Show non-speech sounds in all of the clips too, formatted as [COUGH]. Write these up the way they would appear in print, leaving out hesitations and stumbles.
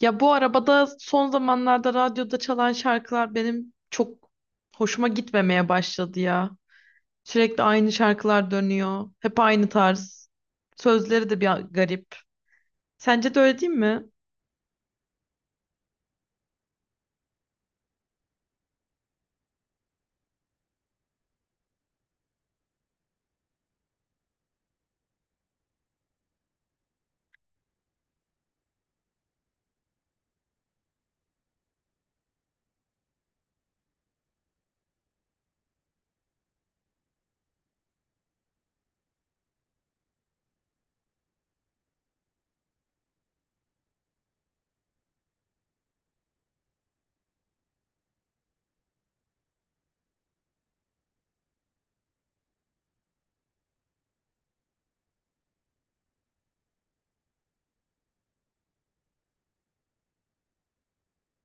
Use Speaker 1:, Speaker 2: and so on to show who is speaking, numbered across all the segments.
Speaker 1: Ya bu arabada son zamanlarda radyoda çalan şarkılar benim çok hoşuma gitmemeye başladı ya. Sürekli aynı şarkılar dönüyor. Hep aynı tarz. Sözleri de bir garip. Sence de öyle değil mi?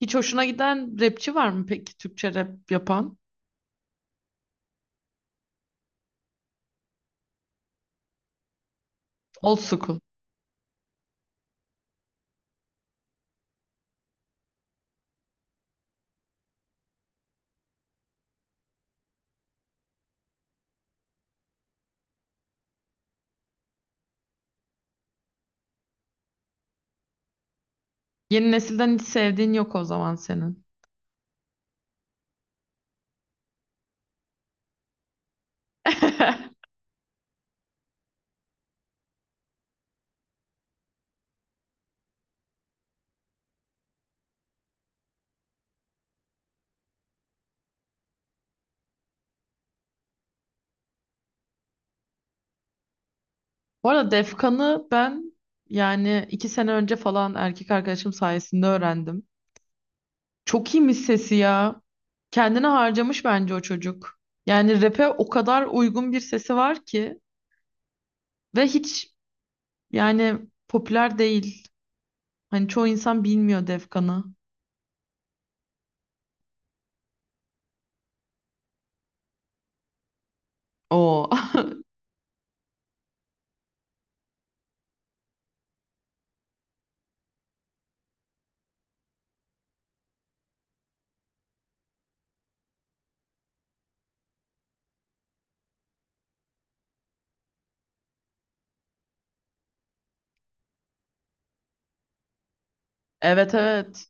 Speaker 1: Hiç hoşuna giden rapçi var mı peki Türkçe rap yapan? Old school. Yeni nesilden hiç sevdiğin yok o zaman senin. [LAUGHS] Bu arada Defkan'ı ben iki sene önce falan erkek arkadaşım sayesinde öğrendim. Çok iyiymiş sesi ya. Kendini harcamış bence o çocuk. Yani rap'e o kadar uygun bir sesi var ki ve hiç yani popüler değil. Hani çoğu insan bilmiyor Defkan'ı. Oo. [LAUGHS] Evet, evet.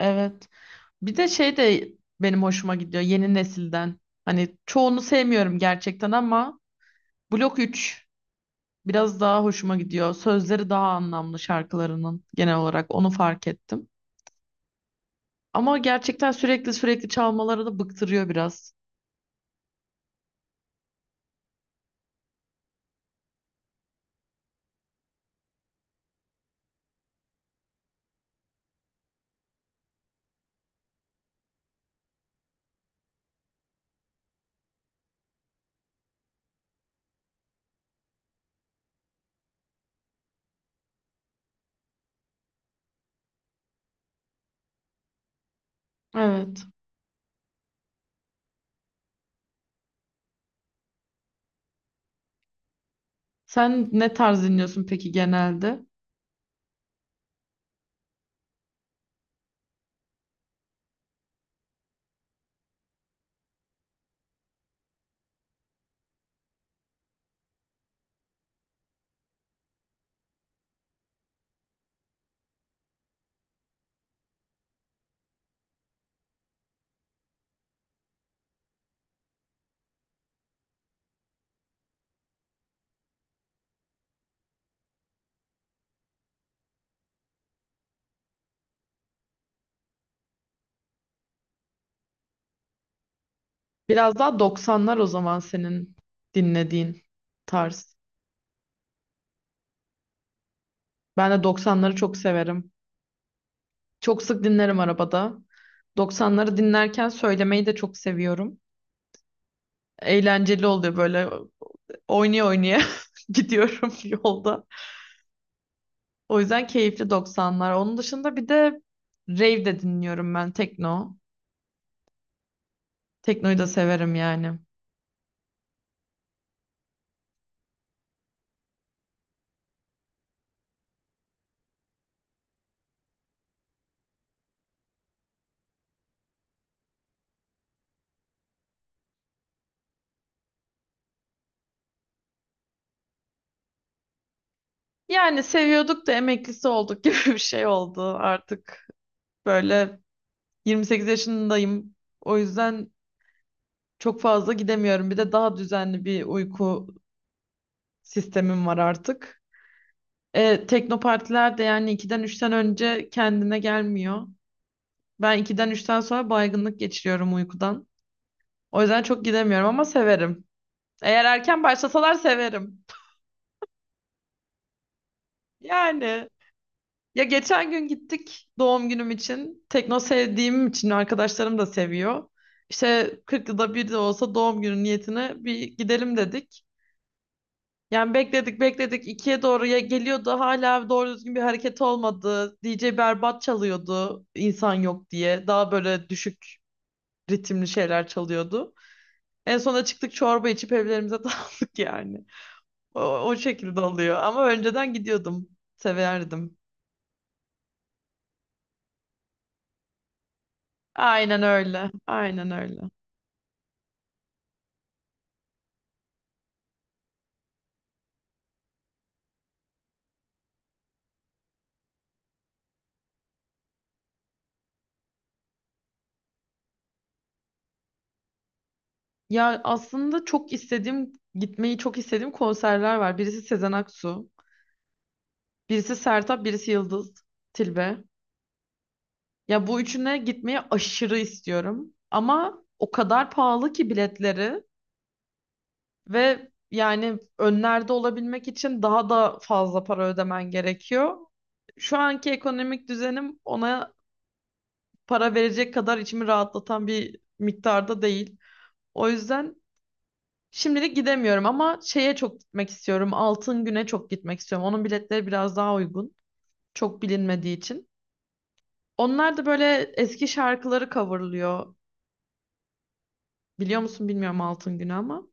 Speaker 1: Evet. Bir de benim hoşuma gidiyor yeni nesilden. Hani çoğunu sevmiyorum gerçekten ama Blok 3 biraz daha hoşuma gidiyor. Sözleri daha anlamlı şarkılarının, genel olarak onu fark ettim. Ama gerçekten sürekli çalmaları da bıktırıyor biraz. Evet. Sen ne tarz dinliyorsun peki genelde? Biraz daha doksanlar o zaman senin dinlediğin tarz. Ben de doksanları çok severim. Çok sık dinlerim arabada. Doksanları dinlerken söylemeyi de çok seviyorum. Eğlenceli oluyor, böyle oynaya oynaya [LAUGHS] gidiyorum yolda. O yüzden keyifli doksanlar. Onun dışında bir de rave de dinliyorum, ben tekno. Teknoyu da severim yani. Yani seviyorduk da emeklisi olduk [LAUGHS] gibi bir şey oldu artık. Böyle 28 yaşındayım. O yüzden çok fazla gidemiyorum. Bir de daha düzenli bir uyku sistemim var artık. Tekno partiler de yani 2'den 3'ten önce kendine gelmiyor. Ben 2'den üçten sonra baygınlık geçiriyorum uykudan. O yüzden çok gidemiyorum ama severim. Eğer erken başlasalar severim. Yani geçen gün gittik doğum günüm için. Tekno sevdiğim için arkadaşlarım da seviyor. İşte 40 yılda bir de olsa doğum günü niyetine bir gidelim dedik. Yani bekledik, bekledik ikiye doğru, ya geliyordu hala doğru düzgün bir hareket olmadı. DJ berbat çalıyordu insan yok diye. Daha böyle düşük ritimli şeyler çalıyordu. En sonunda çıktık, çorba içip evlerimize [LAUGHS] dağıldık yani. O şekilde oluyor ama önceden gidiyordum. Severdim. Aynen öyle. Aynen öyle. Ya aslında çok istediğim, gitmeyi çok istediğim konserler var. Birisi Sezen Aksu, birisi Sertab, birisi Yıldız Tilbe. Ya bu üçüne gitmeyi aşırı istiyorum. Ama o kadar pahalı ki biletleri ve önlerde olabilmek için daha da fazla para ödemen gerekiyor. Şu anki ekonomik düzenim, ona para verecek kadar içimi rahatlatan bir miktarda değil. O yüzden şimdilik gidemiyorum, ama şeye çok gitmek istiyorum. Altın Gün'e çok gitmek istiyorum. Onun biletleri biraz daha uygun. Çok bilinmediği için. Onlar da böyle eski şarkıları coverlıyor. Biliyor musun bilmiyorum Altın Gün'ü ama.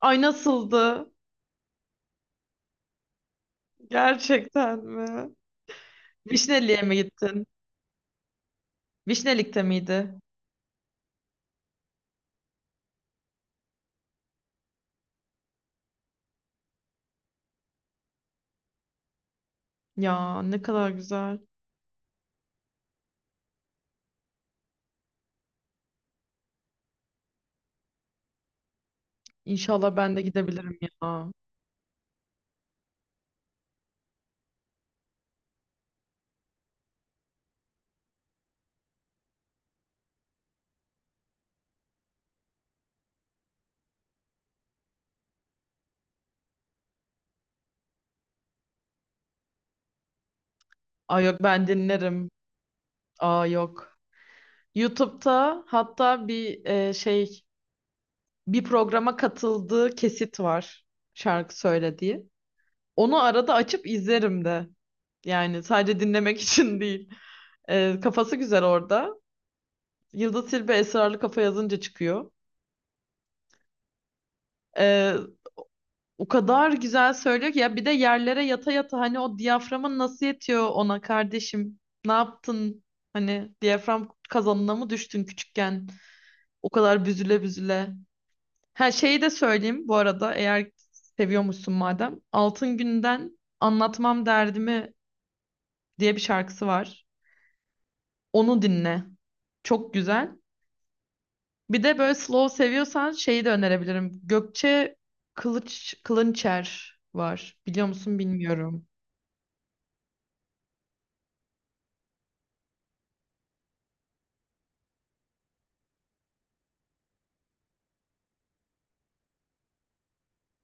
Speaker 1: Ay, nasıldı? Gerçekten mi? Vişneli'ye mi gittin? Vişnelik'te miydi? Ya ne kadar güzel. İnşallah ben de gidebilirim ya. Ay yok, ben dinlerim. Aa yok. YouTube'da hatta bir bir programa katıldığı kesit var şarkı söylediği. Onu arada açıp izlerim de. Yani sadece dinlemek [LAUGHS] için değil. Kafası güzel orada. Yıldız Tilbe Esrarlı Kafa yazınca çıkıyor. E, O kadar güzel söylüyor ki ya, bir de yerlere yata yata, hani o diyaframın nasıl yetiyor ona kardeşim? Ne yaptın? Hani diyafram kazanına mı düştün küçükken? O kadar büzüle büzüle. Ha, şeyi de söyleyeyim bu arada, eğer seviyormuşsun madem. Altın Gün'den Anlatmam Derdimi diye bir şarkısı var. Onu dinle. Çok güzel. Bir de böyle slow seviyorsan şeyi de önerebilirim. Gökçe Kılınçer var. Biliyor musun bilmiyorum.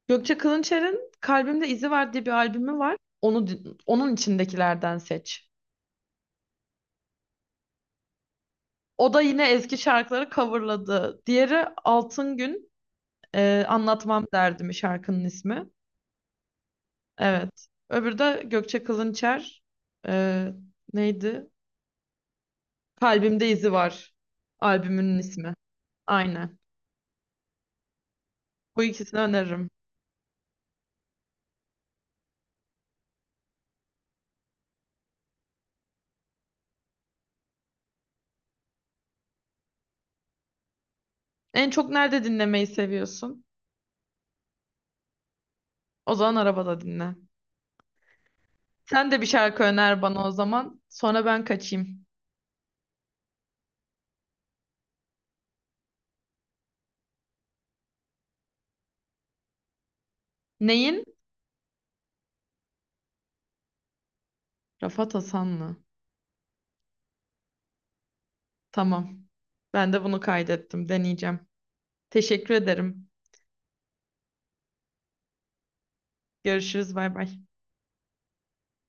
Speaker 1: Gökçe Kılınçer'in Kalbimde İzi Var diye bir albümü var. Onu onun içindekilerden seç. O da yine eski şarkıları coverladı. Diğeri Altın Gün, Anlatmam Derdimi şarkının ismi. Evet. Öbürü de Gökçe Kılınçer. Ee, neydi? Kalbimde İzi Var. Albümünün ismi. Aynen. Bu ikisini öneririm. En çok nerede dinlemeyi seviyorsun? O zaman arabada dinle. Sen de bir şarkı öner bana o zaman. Sonra ben kaçayım. Neyin? Rafat Hasanlı. Tamam. Ben de bunu kaydettim. Deneyeceğim. Teşekkür ederim. Görüşürüz. Bay bay.